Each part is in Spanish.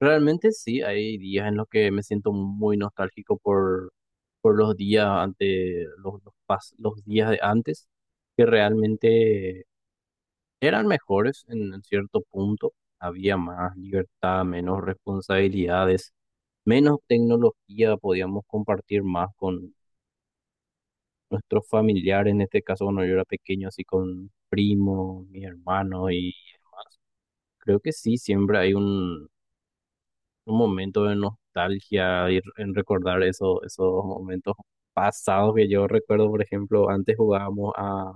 Realmente sí, hay días en los que me siento muy nostálgico por los días de antes, que realmente eran mejores en cierto punto. Había más libertad, menos responsabilidades, menos tecnología, podíamos compartir más con nuestros familiares, en este caso cuando yo era pequeño, así con primos, mis hermanos, y creo que sí, siempre hay un momento de nostalgia y en recordar eso, esos momentos pasados que yo recuerdo, por ejemplo, antes jugábamos a,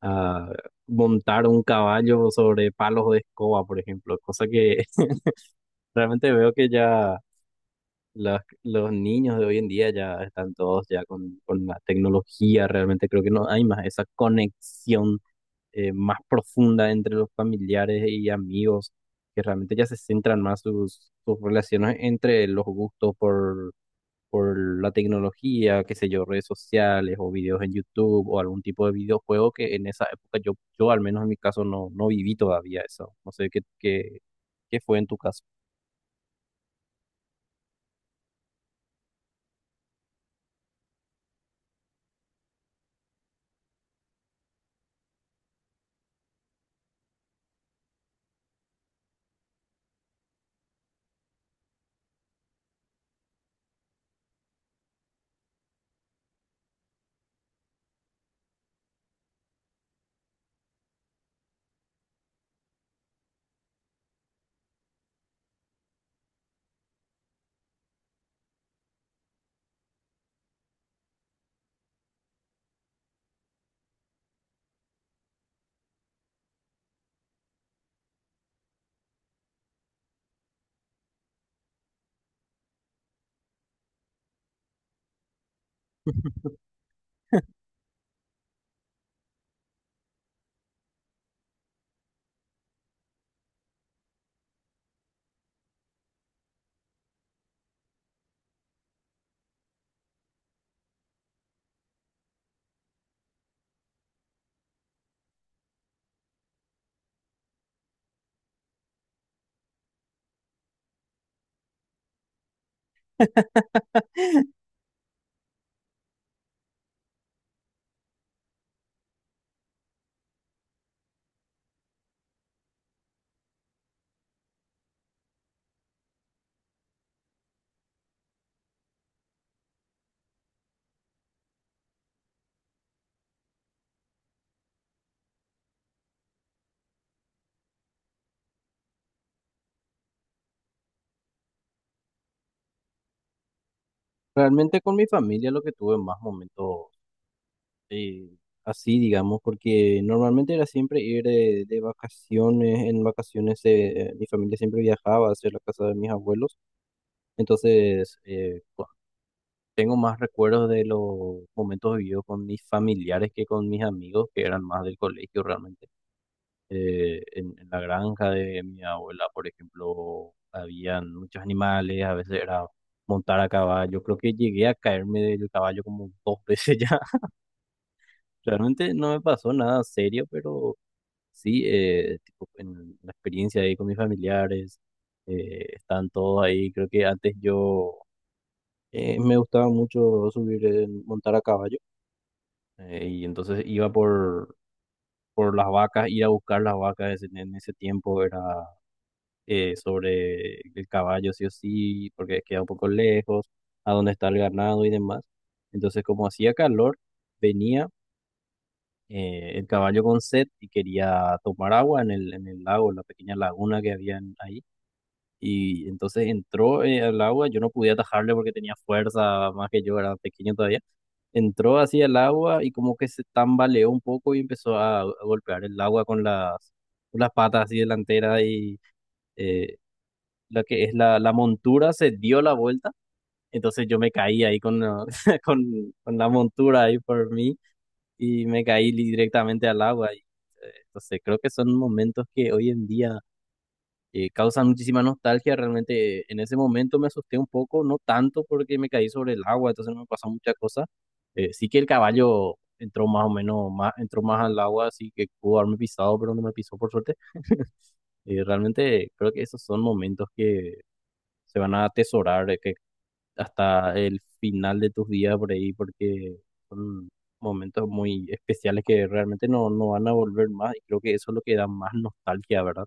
a montar un caballo sobre palos de escoba, por ejemplo, cosa que realmente veo que ya los niños de hoy en día ya están todos ya con la tecnología. Realmente creo que no hay más esa conexión más profunda entre los familiares y amigos, que realmente ya se centran más sus relaciones entre los gustos por la tecnología, qué sé yo, redes sociales o videos en YouTube o algún tipo de videojuego que en esa época yo al menos en mi caso no, no viví todavía eso. No sé qué fue en tu caso. Realmente con mi familia lo que tuve más momentos eh, así, digamos, porque normalmente era siempre ir de vacaciones, en vacaciones mi familia siempre viajaba hacia la casa de mis abuelos, entonces pues, tengo más recuerdos de los momentos vividos con mis familiares que con mis amigos, que eran más del colegio realmente. En la granja de mi abuela, por ejemplo, habían muchos animales, a veces era montar a caballo, creo que llegué a caerme del caballo como dos veces ya. Realmente no me pasó nada serio, pero sí, tipo, en la experiencia ahí con mis familiares, están todos ahí. Creo que antes yo me gustaba mucho subir, montar a caballo, y entonces iba por las vacas, ir a buscar las vacas en ese tiempo era sobre el caballo, sí o sí, porque queda un poco lejos, a dónde está el ganado y demás. Entonces, como hacía calor, venía el caballo con sed y quería tomar agua en el lago, en la pequeña laguna que había ahí. Y entonces entró al agua, yo no podía atajarle porque tenía fuerza más que yo, era pequeño todavía. Entró así al agua y como que se tambaleó un poco y empezó a golpear el agua con las patas así delanteras y eh, la que es la montura se dio la vuelta. Entonces yo me caí ahí con la montura ahí por mí y me caí directamente al agua. Y, entonces creo que son momentos que hoy en día causan muchísima nostalgia. Realmente en ese momento me asusté un poco, no tanto porque me caí sobre el agua, entonces no me pasó muchas cosas. Sí que el caballo entró más o menos, más, entró más al agua, así que pudo haberme pisado, pero no me pisó por suerte. Realmente creo que esos son momentos que se van a atesorar, que hasta el final de tus días por ahí, porque son momentos muy especiales que realmente no, no van a volver más y creo que eso es lo que da más nostalgia, ¿verdad?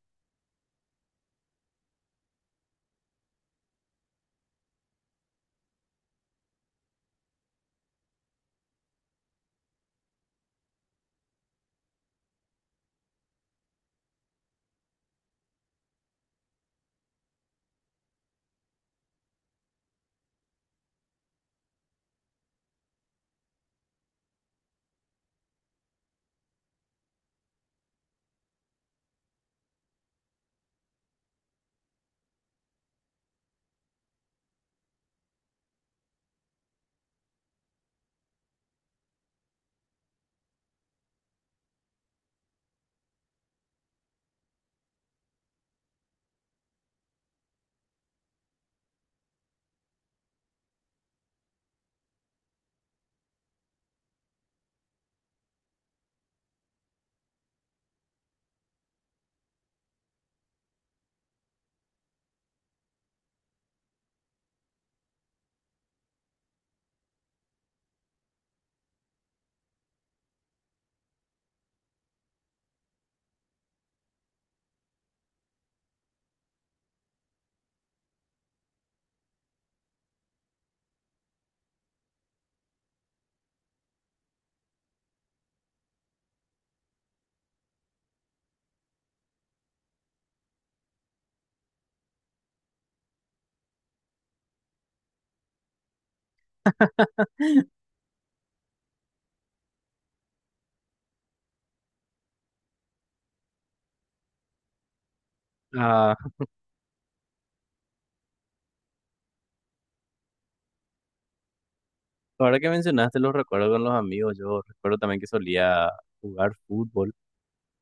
Ah, ahora que mencionaste los recuerdos con los amigos, yo recuerdo también que solía jugar fútbol.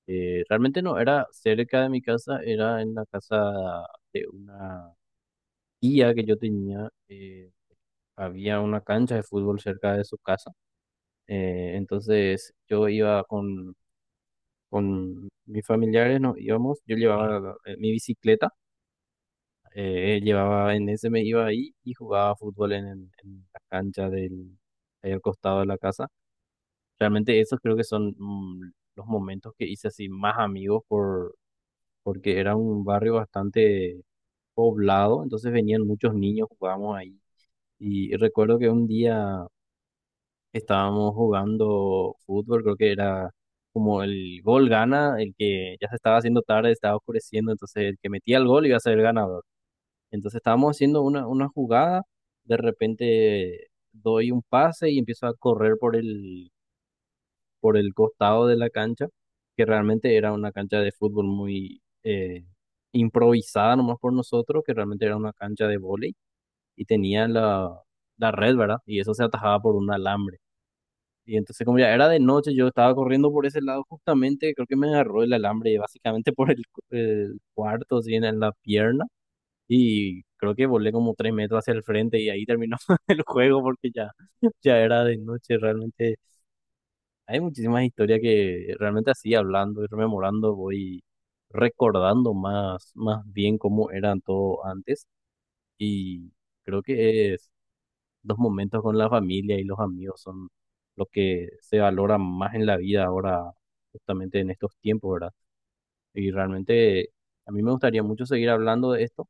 Realmente no era cerca de mi casa, era en la casa de una tía que yo tenía. Había una cancha de fútbol cerca de su casa. Entonces yo iba con mis familiares, nos íbamos, yo llevaba mi bicicleta, llevaba en ese me iba ahí y jugaba fútbol en la cancha del, ahí al costado de la casa. Realmente esos creo que son los momentos que hice así más amigos porque era un barrio bastante poblado, entonces venían muchos niños, jugábamos ahí. Y recuerdo que un día estábamos jugando fútbol, creo que era como el gol gana, el que ya se estaba haciendo tarde, estaba oscureciendo, entonces el que metía el gol iba a ser el ganador. Entonces estábamos haciendo una jugada, de repente doy un pase y empiezo a correr por el costado de la cancha, que realmente era una cancha de fútbol muy improvisada nomás por nosotros, que realmente era una cancha de vóley y tenía la red, ¿verdad? Y eso se atajaba por un alambre. Y entonces como ya era de noche, yo estaba corriendo por ese lado justamente, creo que me agarró el alambre básicamente por el cuarto, así en la pierna. Y creo que volé como 3 metros hacia el frente y ahí terminó el juego porque ya, ya era de noche. Realmente hay muchísimas historias que realmente así hablando y rememorando voy recordando más, más bien cómo eran todo antes y creo que es los momentos con la familia y los amigos son lo que se valora más en la vida ahora, justamente en estos tiempos, ¿verdad? Y realmente a mí me gustaría mucho seguir hablando de esto,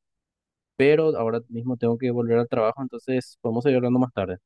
pero ahora mismo tengo que volver al trabajo, entonces podemos seguir hablando más tarde.